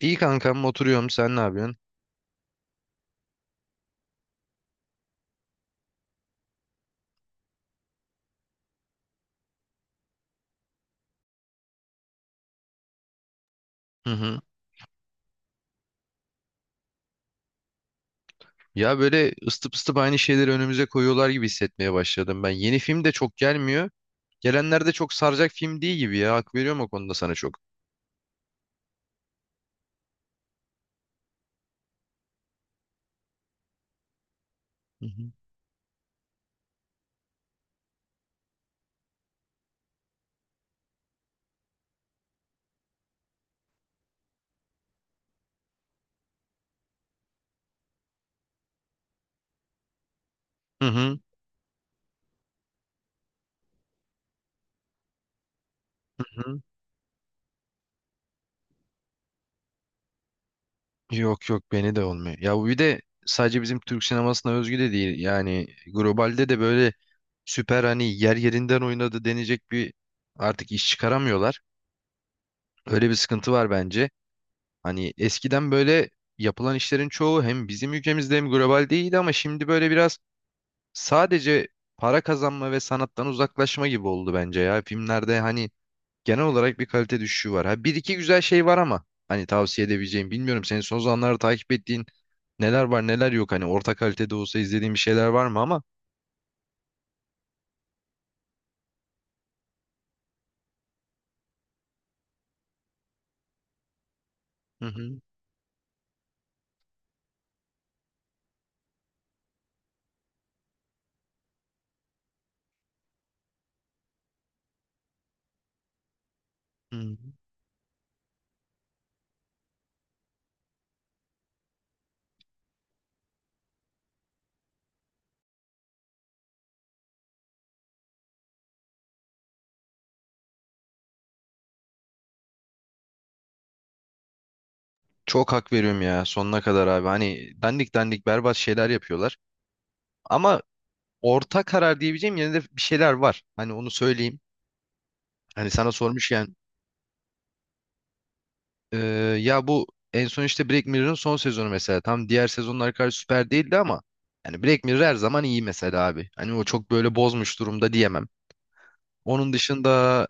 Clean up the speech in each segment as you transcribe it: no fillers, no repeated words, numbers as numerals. İyi kankam oturuyorum sen ne yapıyorsun? Hı hı. Ya böyle ısıtıp ısıtıp aynı şeyleri önümüze koyuyorlar gibi hissetmeye başladım ben. Yeni film de çok gelmiyor. Gelenler de çok saracak film değil gibi ya. Hak veriyorum o konuda sana çok. Hı hı. Hı hı. Hı. Yok yok beni de olmuyor. Ya bu bir de sadece bizim Türk sinemasına özgü de değil. Yani globalde de böyle süper hani yer yerinden oynadı denecek bir artık iş çıkaramıyorlar. Öyle bir sıkıntı var bence. Hani eskiden böyle yapılan işlerin çoğu hem bizim ülkemizde hem global değildi ama şimdi böyle biraz sadece para kazanma ve sanattan uzaklaşma gibi oldu bence ya. Filmlerde hani genel olarak bir kalite düşüşü var. Ha, bir iki güzel şey var ama hani tavsiye edebileceğim bilmiyorum. Senin son zamanlarda takip ettiğin neler var neler yok hani orta kalitede olsa izlediğin bir şeyler var mı ama Hı hı, hı hı. çok hak veriyorum ya sonuna kadar abi hani dandik dandik berbat şeyler yapıyorlar ama orta karar diyebileceğim yine de bir şeyler var hani onu söyleyeyim. Hani sana sormuşken e, ya bu en son işte Black Mirror'ın son sezonu mesela. Tam diğer sezonlar kadar süper değildi ama yani Black Mirror her zaman iyi mesela abi. Hani o çok böyle bozmuş durumda diyemem. Onun dışında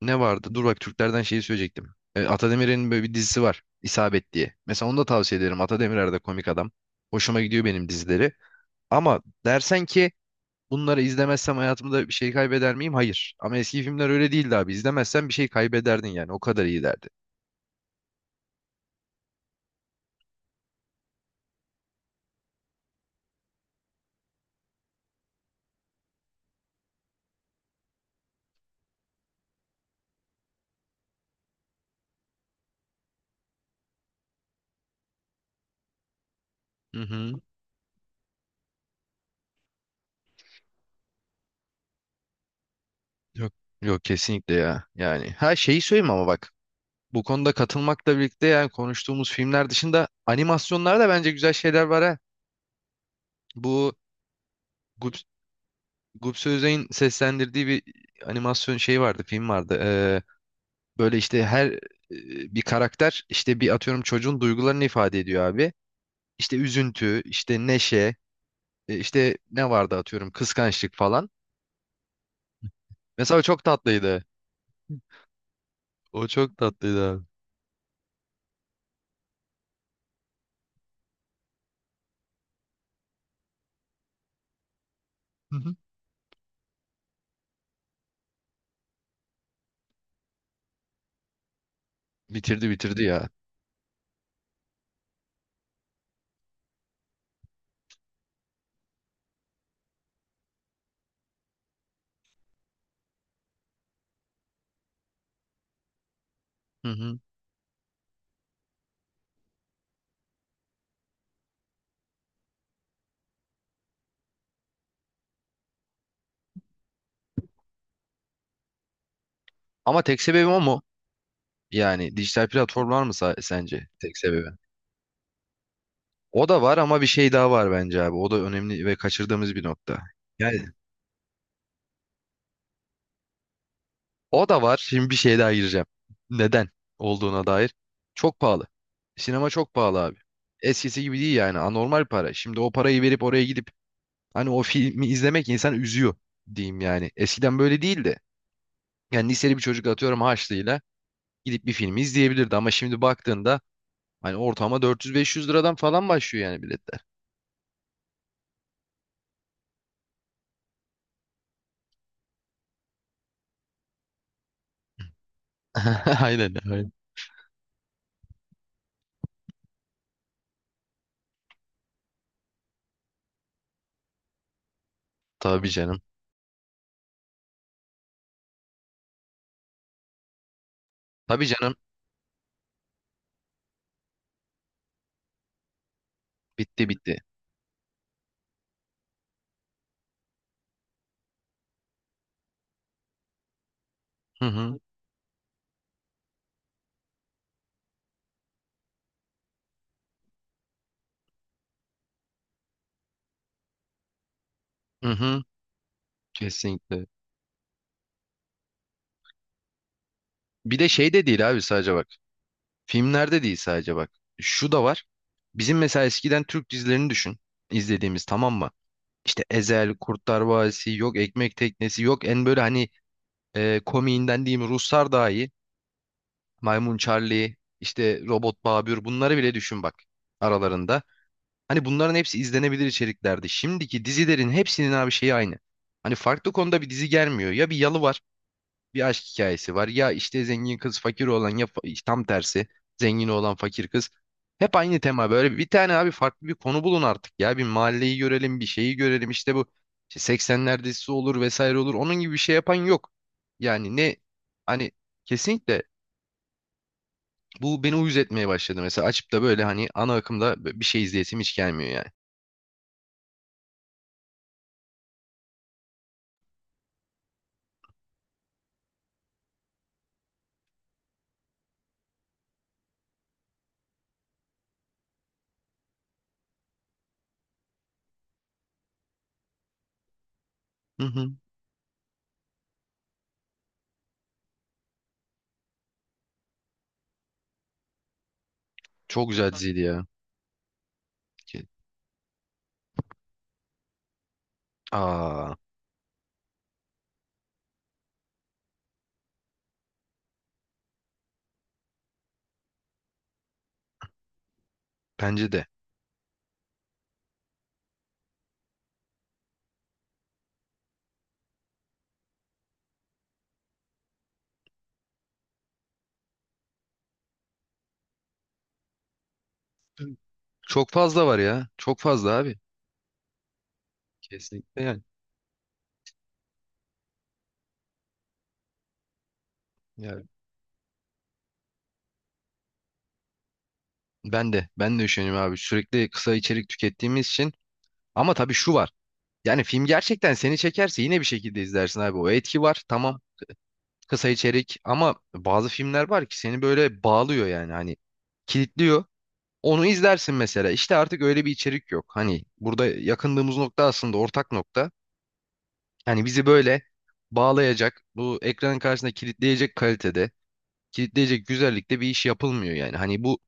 ne vardı? Dur bak Türklerden şeyi söyleyecektim. Atademir'in böyle bir dizisi var. İsabet diye. Mesela onu da tavsiye ederim. Atademirer de komik adam. Hoşuma gidiyor benim dizileri. Ama dersen ki bunları izlemezsem hayatımda bir şey kaybeder miyim? Hayır. Ama eski filmler öyle değildi abi. İzlemezsen bir şey kaybederdin yani. O kadar iyi derdi. Hı hı. Yok yok kesinlikle ya. Yani her şeyi söyleyeyim ama bak bu konuda katılmakla birlikte yani konuştuğumuz filmler dışında animasyonlarda bence güzel şeyler var ha. Bu Gup, Gupse Özay'ın seslendirdiği bir animasyon şey vardı, film vardı. Böyle işte her bir karakter işte bir atıyorum çocuğun duygularını ifade ediyor abi. İşte üzüntü, işte neşe, işte ne vardı atıyorum kıskançlık falan. Mesela o çok tatlıydı. O çok tatlıydı abi. Hı hı. Bitirdi bitirdi ya. Hı hı. Ama tek sebebi o mu? Yani dijital platformlar mı sence tek sebebi? O da var ama bir şey daha var bence abi. O da önemli ve kaçırdığımız bir nokta. Yani o da var. Şimdi bir şey daha gireceğim. Neden olduğuna dair. Çok pahalı. Sinema çok pahalı abi. Eskisi gibi değil yani. Anormal para. Şimdi o parayı verip oraya gidip hani o filmi izlemek insan üzüyor diyeyim yani. Eskiden böyle değildi. Yani liseli bir çocuk atıyorum harçlığıyla gidip bir filmi izleyebilirdi ama şimdi baktığında hani ortama 400-500 liradan falan başlıyor yani biletler. Aynen, aynen. Tabii canım. Tabii canım. Bitti bitti. Hı hı. Hı hı. Kesinlikle. Bir de şey de değil abi sadece bak. Filmlerde değil sadece bak. Şu da var. Bizim mesela eskiden Türk dizilerini düşün. İzlediğimiz tamam mı? İşte Ezel, Kurtlar Vadisi, yok Ekmek Teknesi, yok en böyle hani komiğinden diyeyim Ruslar daha iyi. Maymun Charlie, işte Robot Babür bunları bile düşün bak aralarında. Hani bunların hepsi izlenebilir içeriklerdi. Şimdiki dizilerin hepsinin abi şeyi aynı. Hani farklı konuda bir dizi gelmiyor. Ya bir yalı var, bir aşk hikayesi var. Ya işte zengin kız fakir olan ya tam tersi zengin olan fakir kız. Hep aynı tema. Böyle bir tane abi farklı bir konu bulun artık ya. Bir mahalleyi görelim, bir şeyi görelim. İşte bu işte 80'ler dizisi olur vesaire olur. Onun gibi bir şey yapan yok. Yani ne hani kesinlikle bu beni uyuz etmeye başladı. Mesela açıp da böyle hani ana akımda bir şey izleyesim hiç gelmiyor yani. Hı hı. Çok güzel diziydi ya. Ke- Aa, bence de. Çok fazla var ya. Çok fazla abi. Kesinlikle yani. Yani ben de düşünüyorum abi. Sürekli kısa içerik tükettiğimiz için. Ama tabii şu var. Yani film gerçekten seni çekerse yine bir şekilde izlersin abi. O etki var. Tamam. Kısa içerik ama bazı filmler var ki seni böyle bağlıyor yani hani kilitliyor. Onu izlersin mesela. İşte artık öyle bir içerik yok. Hani burada yakındığımız nokta aslında ortak nokta. Yani bizi böyle bağlayacak, bu ekranın karşısında kilitleyecek kalitede, kilitleyecek güzellikte bir iş yapılmıyor yani. Hani bu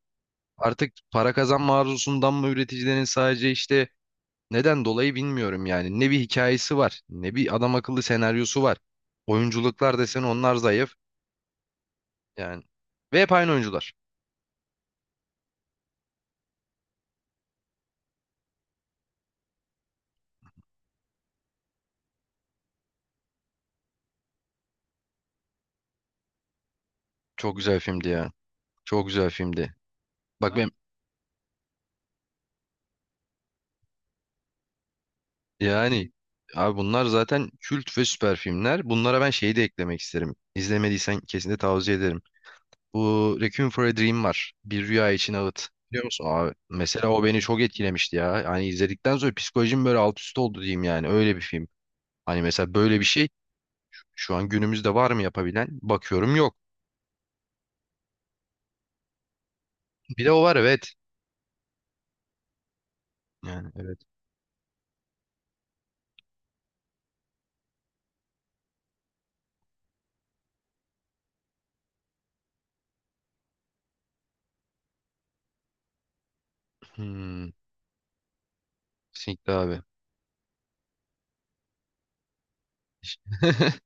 artık para kazanma arzusundan mı üreticilerin sadece işte neden dolayı bilmiyorum yani. Ne bir hikayesi var, ne bir adam akıllı senaryosu var. Oyunculuklar desen onlar zayıf yani. Ve hep aynı oyuncular. Çok güzel filmdi ya. Çok güzel filmdi. Bak ben yani abi bunlar zaten kült ve süper filmler. Bunlara ben şeyi de eklemek isterim. İzlemediysen kesinlikle tavsiye ederim. Bu Requiem for a Dream var. Bir Rüya için Ağıt. Biliyor musun abi? Mesela o beni çok etkilemişti ya. Yani izledikten sonra psikolojim böyle alt üst oldu diyeyim yani. Öyle bir film. Hani mesela böyle bir şey şu an günümüzde var mı yapabilen? Bakıyorum yok. Bir de o var evet. Yani evet. Hmm, kesinlikle abi.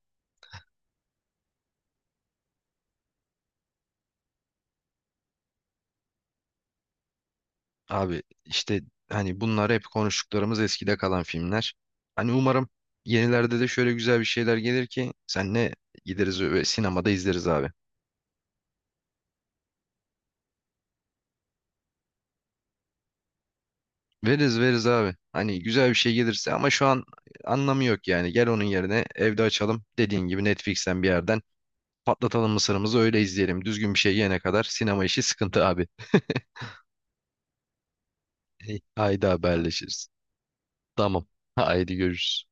Abi işte hani bunlar hep konuştuklarımız eskide kalan filmler. Hani umarım yenilerde de şöyle güzel bir şeyler gelir ki senle gideriz ve sinemada izleriz abi. Veririz veririz abi. Hani güzel bir şey gelirse ama şu an anlamı yok yani. Gel onun yerine evde açalım. Dediğin gibi Netflix'ten bir yerden patlatalım mısırımızı öyle izleyelim. Düzgün bir şey yene kadar sinema işi sıkıntı abi. Haydi haberleşiriz. Tamam. Haydi görüşürüz.